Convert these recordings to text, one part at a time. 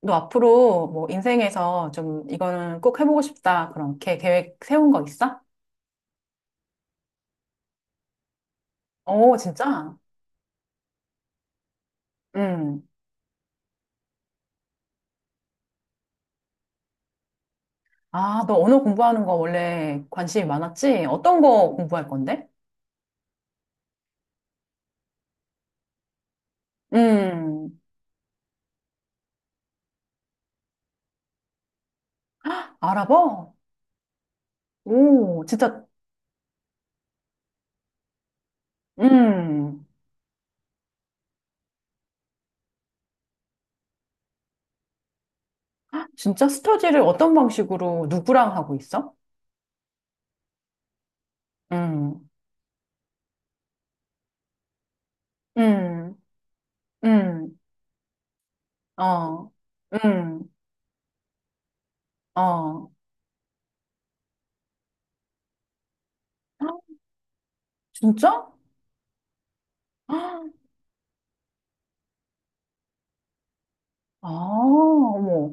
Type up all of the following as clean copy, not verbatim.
너 앞으로 뭐 인생에서 좀 이거는 꼭 해보고 싶다. 그렇게 계획 세운 거 있어? 어, 진짜? 응. 아, 너 언어 공부하는 거 원래 관심이 많았지? 어떤 거 공부할 건데? 음, 아랍어? 오, 진짜. 음, 진짜 스터디를 어떤 방식으로 누구랑 하고 있어? 음. 음. 음. 어. 음. 어. 진짜? 아, 어머.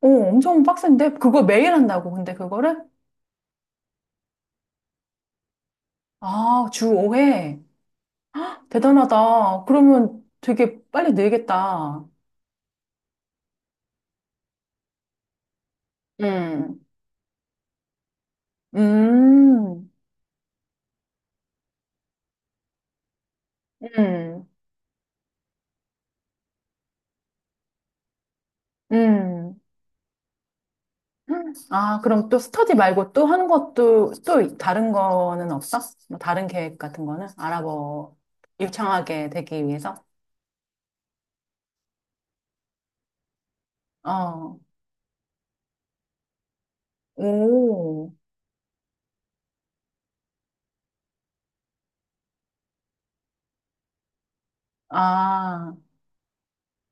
오, 엄청 빡센데? 그거 매일 한다고, 근데 그거를? 아, 주 5회. 대단하다. 그러면 되게 빨리 늘겠다. 음. 음. 음. 음. 아, 그럼 또 스터디 말고 또 하는 것도, 또 다른 거는 없어? 뭐 다른 계획 같은 거는? 아랍어 유창하게 되기 위해서? 어. 오. 아.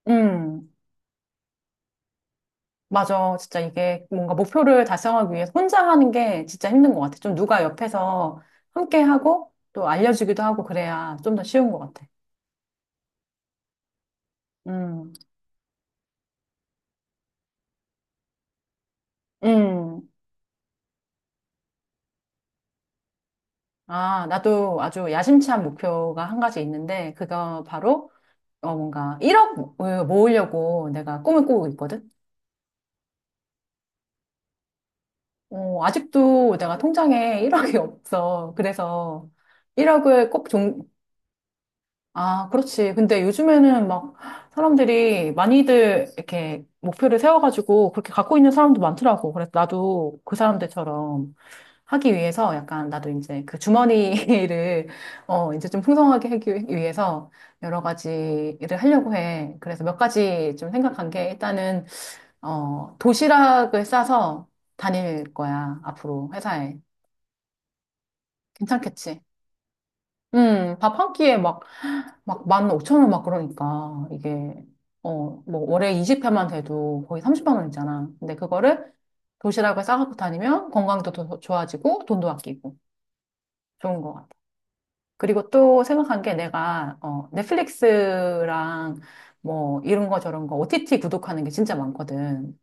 음. 맞아. 진짜 이게 뭔가 목표를 달성하기 위해 혼자 하는 게 진짜 힘든 것 같아. 좀 누가 옆에서 함께 하고 또 알려주기도 하고 그래야 좀 더 쉬운 것 같아. 음. 음. 아, 나도 아주 야심찬 목표가 한 가지 있는데 그거 바로 뭔가 1억을 모으려고 내가 꿈을 꾸고 있거든. 어, 아직도 내가 통장에 1억이 없어. 그래서 1억을 꼭 아, 그렇지. 근데 요즘에는 막 사람들이 많이들 이렇게 목표를 세워가지고 그렇게 갖고 있는 사람도 많더라고. 그래서 나도 그 사람들처럼 하기 위해서 약간 나도 이제 그 주머니를 이제 좀 풍성하게 하기 위해서 여러 가지 일을 하려고 해. 그래서 몇 가지 좀 생각한 게 일단은 도시락을 싸서 다닐 거야. 앞으로 회사에. 괜찮겠지? 밥 한 끼에 막 15,000원 막. 그러니까 이게 뭐 월에 20회만 돼도 거의 30만 원 있잖아. 근데 그거를 도시락을 싸갖고 다니면 건강도 더 좋아지고 돈도 아끼고 좋은 것 같아. 그리고 또 생각한 게 내가 넷플릭스랑 뭐 이런 거 저런 거 OTT 구독하는 게 진짜 많거든.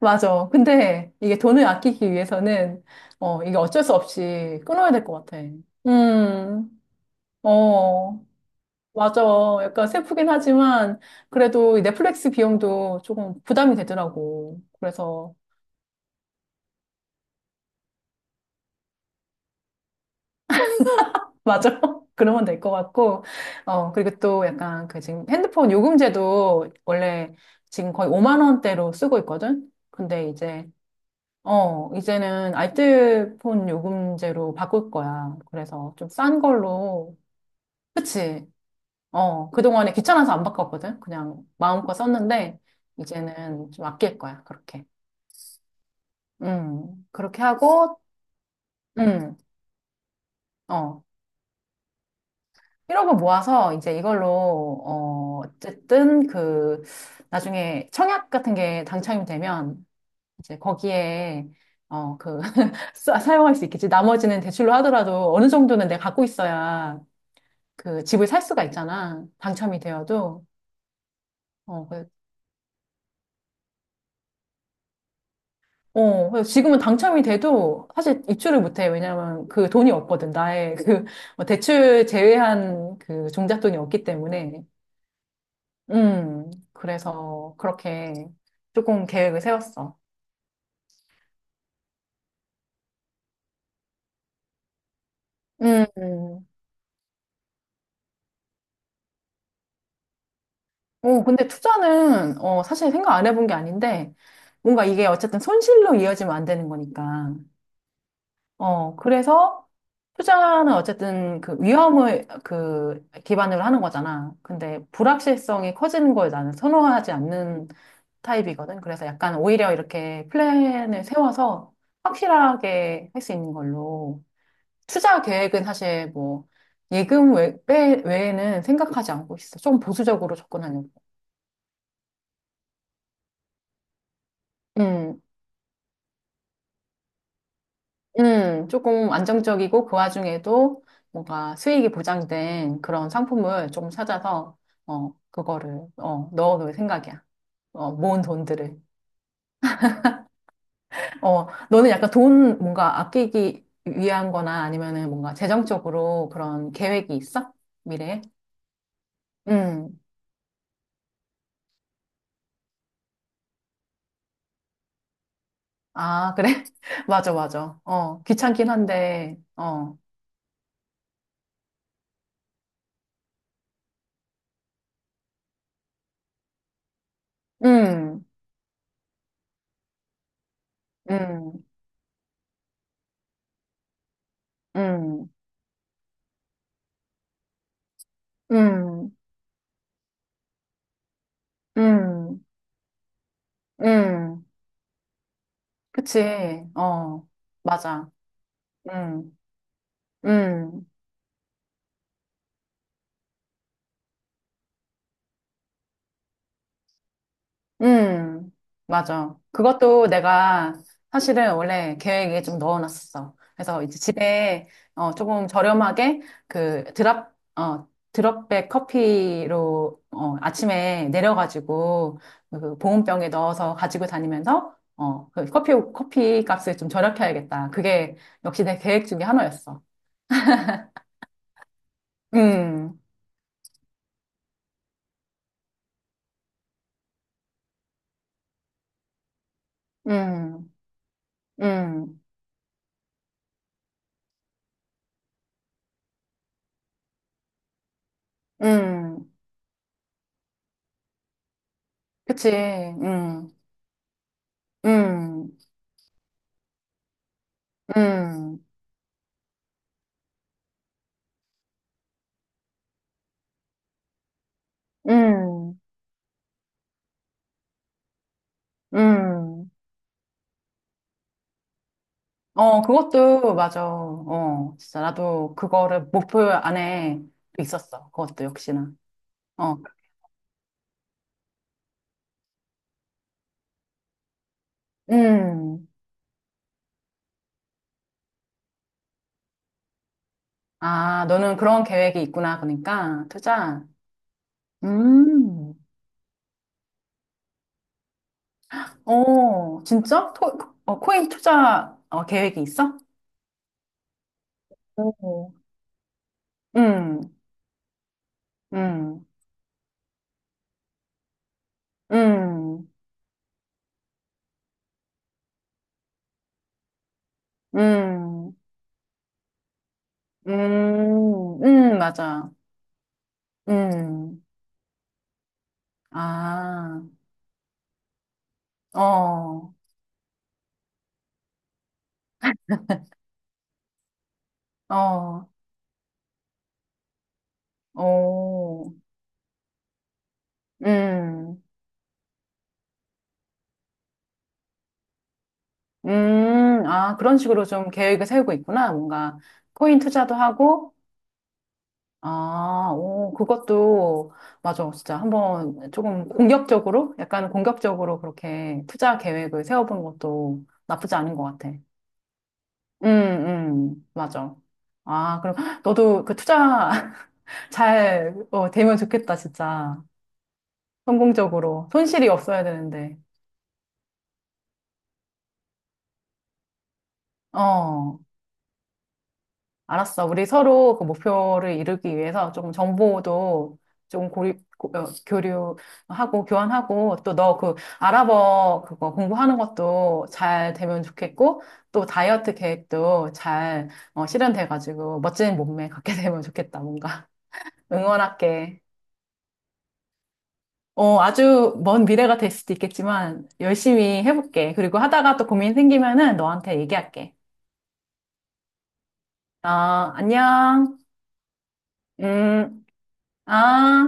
맞아. 근데 이게 돈을 아끼기 위해서는 이게 어쩔 수 없이 끊어야 될 것 같아. 음. 어. 맞아. 약간 슬프긴 하지만 그래도 이 넷플릭스 비용도 조금 부담이 되더라고. 그래서 맞아. 그러면 될 것 같고. 어, 그리고 또 약간 그 지금 핸드폰 요금제도 원래 지금 거의 5만 원대로 쓰고 있거든. 근데 이제는 알뜰폰 요금제로 바꿀 거야. 그래서 좀 싼 걸로. 그치? 어, 그동안에 귀찮아서 안 바꿨거든. 그냥 마음껏 썼는데 이제는 좀 아낄 거야. 그렇게. 그렇게 하고. 음. 어, 1억을 모아서 이제 이걸로. 어, 어쨌든 그, 나중에 청약 같은 게 당첨이 되면, 이제 거기에, 어, 그, 사용할 수 있겠지. 나머지는 대출로 하더라도 어느 정도는 내가 갖고 있어야 그 집을 살 수가 있잖아. 당첨이 되어도. 어, 그, 그래서 지금은 당첨이 돼도 사실 입주를 못해. 왜냐면 그 돈이 없거든. 나의 그, 뭐 대출 제외한 그 종잣돈이 없기 때문에. 그래서 그렇게 조금 계획을 세웠어. 음. 음. 근데 투자는, 사실 생각 안 해본 게 아닌데, 뭔가 이게 어쨌든 손실로 이어지면 안 되는 거니까. 그래서 투자는 어쨌든 그 위험을 그 기반으로 하는 거잖아. 근데 불확실성이 커지는 걸 나는 선호하지 않는 타입이거든. 그래서 약간 오히려 이렇게 플랜을 세워서 확실하게 할 수 있는 걸로. 투자 계획은 사실 뭐 예금 외에는 생각하지 않고 있어. 좀 보수적으로 접근하려고. 음. 음. 조금 안정적이고 그 와중에도 뭔가 수익이 보장된 그런 상품을 조금 찾아서 그거를 넣어놓을 생각이야. 어 모은 돈들을. 어, 너는 약간 돈 뭔가 아끼기 위한거나 아니면은 뭔가 재정적으로 그런 계획이 있어? 미래에? 음. 아, 그래? 맞아, 맞아. 어, 귀찮긴 한데, 어. 음. 음. 음. 음. 음. 음. 그치. 어. 맞아. 음. 음. 음. 맞아. 그것도 내가 사실은 원래 계획에 좀 넣어놨었어. 그래서 이제 집에 조금 저렴하게 그 드롭백 커피로 아침에 내려가지고 그 보온병에 넣어서 가지고 다니면서 그 커피 값을 좀 절약해야겠다. 그게 역시 내 계획 중에 하나였어. 음. 음. 음. 음. 그치. 음. 음. 음. 음. 음. 그것도 맞아. 진짜 나도 그거를 목표 안에 있었어. 그것도 역시나. 어. 음. 아, 너는 그런 계획이 있구나. 그러니까, 투자. 음. 어, 진짜? 코인 투자 계획이 있어? 오. 음. 음. 음. 음. 음. 음. 맞아. 음. 아. 어. 어. 어. 음. 음. 아, 그런 식으로 좀 계획을 세우고 있구나. 뭔가, 코인 투자도 하고, 아, 오, 그것도. 맞아. 진짜 한번 조금 공격적으로, 약간 공격적으로 그렇게 투자 계획을 세워보는 것도 나쁘지 않은 것 같아. 음. 음. 맞아. 아, 그럼 너도 그 투자 잘 되면 좋겠다, 진짜. 성공적으로. 손실이 없어야 되는데. 어. 알았어. 우리 서로 그 목표를 이루기 위해서 조금 정보도 좀 교류하고 교환하고, 또 너 그 아랍어 그거 공부하는 것도 잘 되면 좋겠고, 또 다이어트 계획도 잘 실현돼가지고 멋진 몸매 갖게 되면 좋겠다. 뭔가 응원할게. 아주 먼 미래가 될 수도 있겠지만 열심히 해볼게. 그리고 하다가 또 고민 생기면은 너한테 얘기할게. 아, 안녕. 음. 아.